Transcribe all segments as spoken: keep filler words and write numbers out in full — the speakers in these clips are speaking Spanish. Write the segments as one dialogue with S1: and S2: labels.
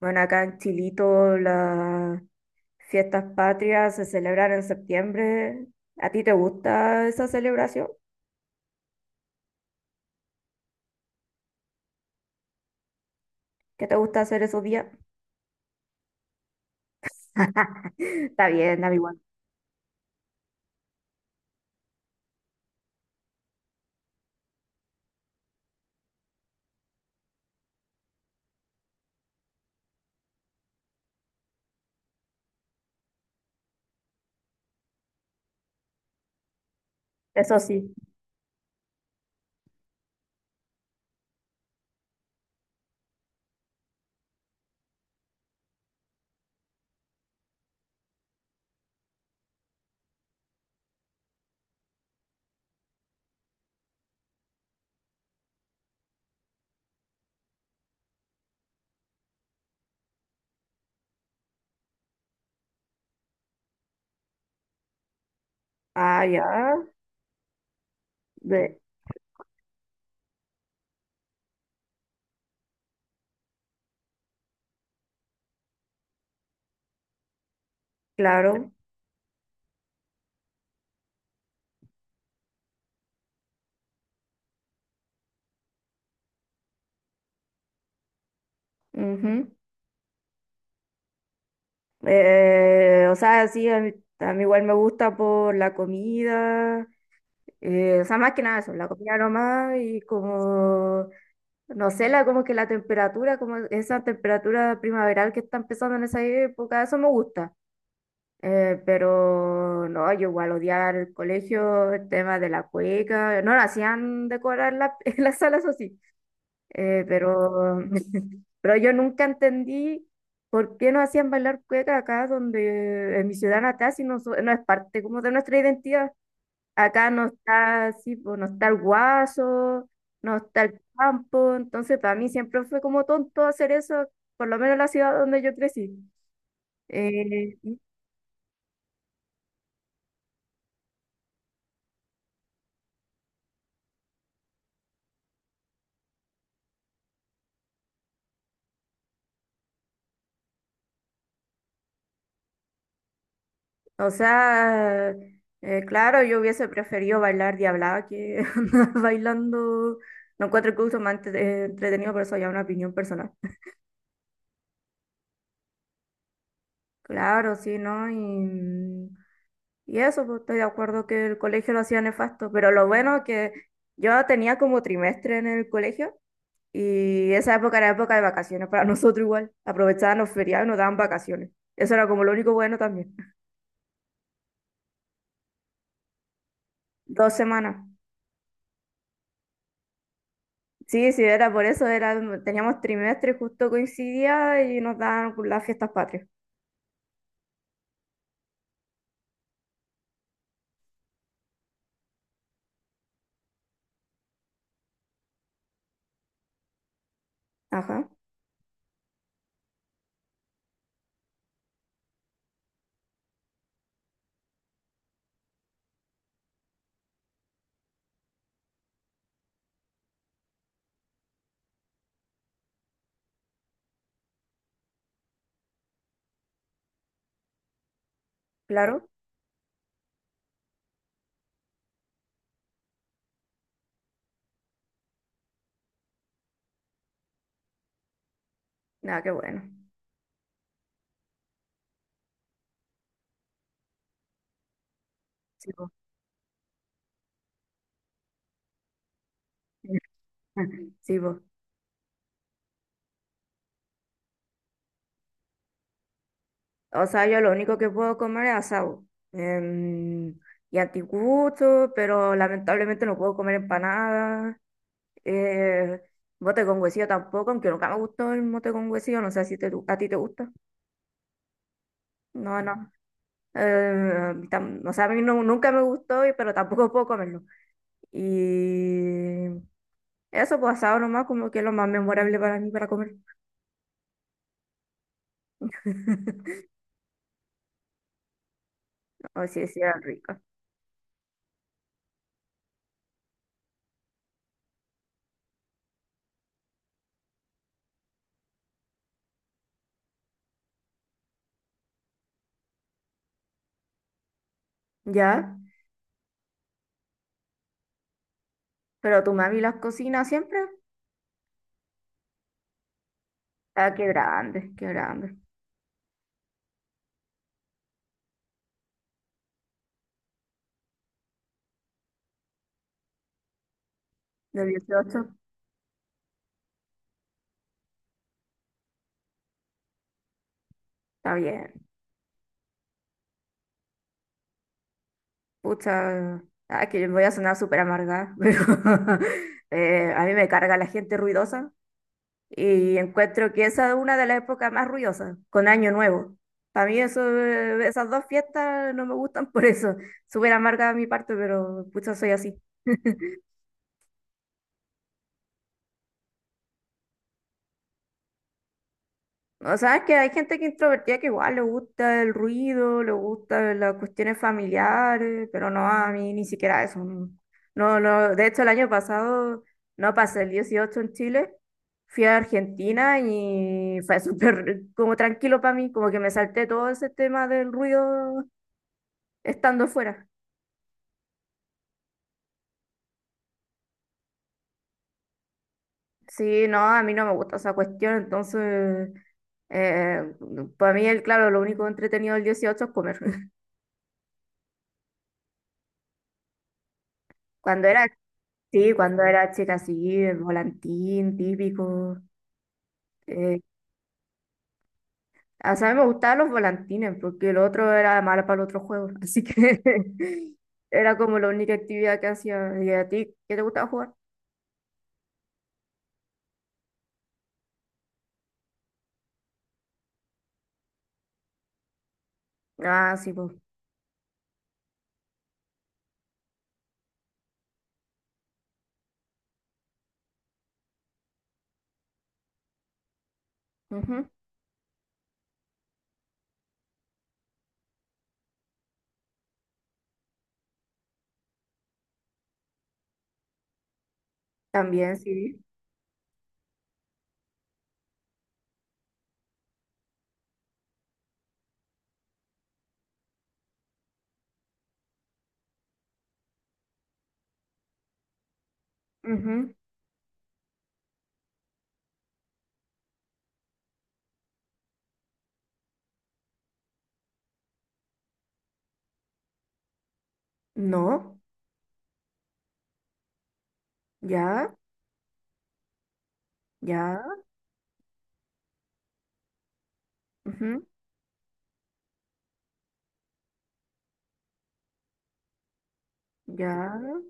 S1: Bueno, acá en Chilito las fiestas patrias se celebran en septiembre. ¿A ti te gusta esa celebración? ¿Qué te gusta hacer esos días? Está bien, da igual. Eso sí. Ah, ya. de- claro. Ujú. Eh, o sea, sí, a mí, a mí igual me gusta por la comida. Eh, o sea, más que nada eso, la comida nomás y como... No sé, la, como que la temperatura, como esa temperatura primaveral que está empezando en esa época, eso me gusta. Eh, pero no, yo igual odiaba el colegio, el tema de la cueca, no lo hacían decorar la, en las salas, eso sí. Eh, pero, pero yo nunca entendí por qué no hacían bailar cueca acá, donde en mi ciudad natal, si no, so- no es parte como de nuestra identidad. Acá no está, sí, pues, no está el guaso, no está el campo, entonces para mí siempre fue como tonto hacer eso, por lo menos en la ciudad donde yo crecí. Eh, o sea, eh, claro, yo hubiese preferido bailar diablada que andar bailando. No encuentro el uso más entre- eh, entretenido, pero eso ya es una opinión personal. Claro, sí, ¿no? Y, y eso, pues estoy de acuerdo que el colegio lo hacía nefasto, pero lo bueno es que yo tenía como trimestre en el colegio. Y esa época era época de vacaciones para nosotros igual. Aprovechaban los feriados y nos daban vacaciones. Eso era como lo único bueno también. Dos semanas. Sí, sí, era por eso, era, teníamos trimestre, justo coincidía y nos daban las fiestas patrias. Ajá, claro. Nada, qué bueno. Sí, po. Sí, po. O sea, yo lo único que puedo comer es asado. em, y anticucho, pero lamentablemente no puedo comer empanadas. Eh, Mote con huesillo tampoco, aunque nunca me gustó el mote con huesillo, no sé si te, a ti te gusta. No, no. Eh, tam- o sea, a mí no- nunca me gustó, y- pero tampoco puedo comerlo. Y eso pasado nomás como que es lo más memorable para mí para comer. O si sí, eran ricas. ¿Ya? Pero tu mami las cocina siempre. Ah, qué grande, qué grande. De dieciocho. Está bien. Pucha. Ah, que voy a sonar súper amargada, pero eh, a mí me carga la gente ruidosa. Y encuentro que esa es una de las épocas más ruidosas, con Año Nuevo. Para mí eso, eh, esas dos fiestas no me gustan por eso. Súper amarga de mi parte, pero pucha, soy así. O sea, es que hay gente que es introvertida que igual le gusta el ruido, le gustan las cuestiones familiares, pero no, a mí ni siquiera eso. No, no, no. De hecho, el año pasado no pasé el dieciocho en Chile, fui a Argentina y fue súper como tranquilo para mí, como que me salté todo ese tema del ruido estando fuera. Sí, no, a mí no me gusta esa cuestión, entonces, eh, para mí, el, claro, lo único entretenido del dieciocho es comer. Cuando era, sí, cuando era chica, sí, el volantín típico. Eh, o sea, a mí me gustaban los volantines, porque el otro era malo para el otro juego, así que era como la única actividad que hacía. ¿Y a ti qué te gustaba jugar? Ah, sí, pues. Ujú. También, sí. Ujú. No, ya, ya, ujú, ya.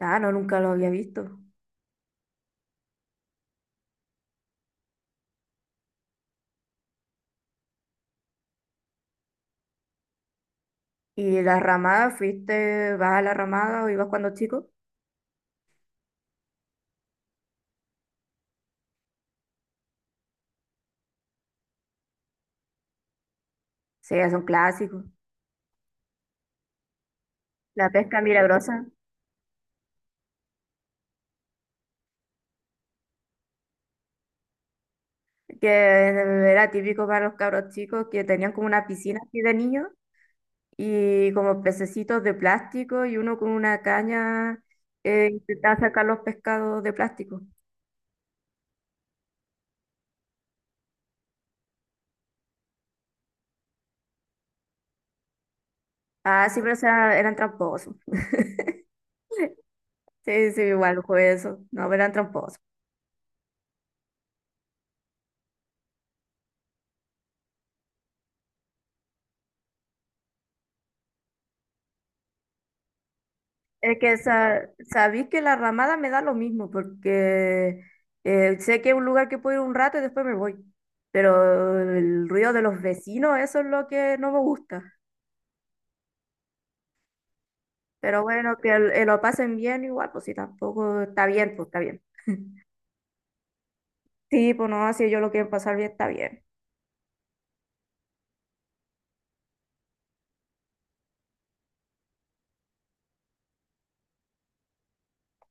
S1: Ah, no, nunca lo había visto. ¿Y la ramada? ¿Fuiste, vas a la ramada o ibas cuando chico? Sí, es un clásico. La pesca milagrosa, que era típico para los cabros chicos, que tenían como una piscina así de niños y como pececitos de plástico y uno con una caña eh, intentaba sacar los pescados de plástico. Ah, sí, pero o sea, eran tramposos. Sí, sí, igual jugué eso. No, pero eran tramposos. Es que sa- sabéis que la ramada me da lo mismo, porque eh, sé que es un lugar que puedo ir un rato y después me voy. Pero el ruido de los vecinos, eso es lo que no me gusta. Pero bueno, que el- eh, lo pasen bien igual, pues si tampoco está bien, pues está bien. Sí, pues no, si ellos lo quieren pasar bien, está bien.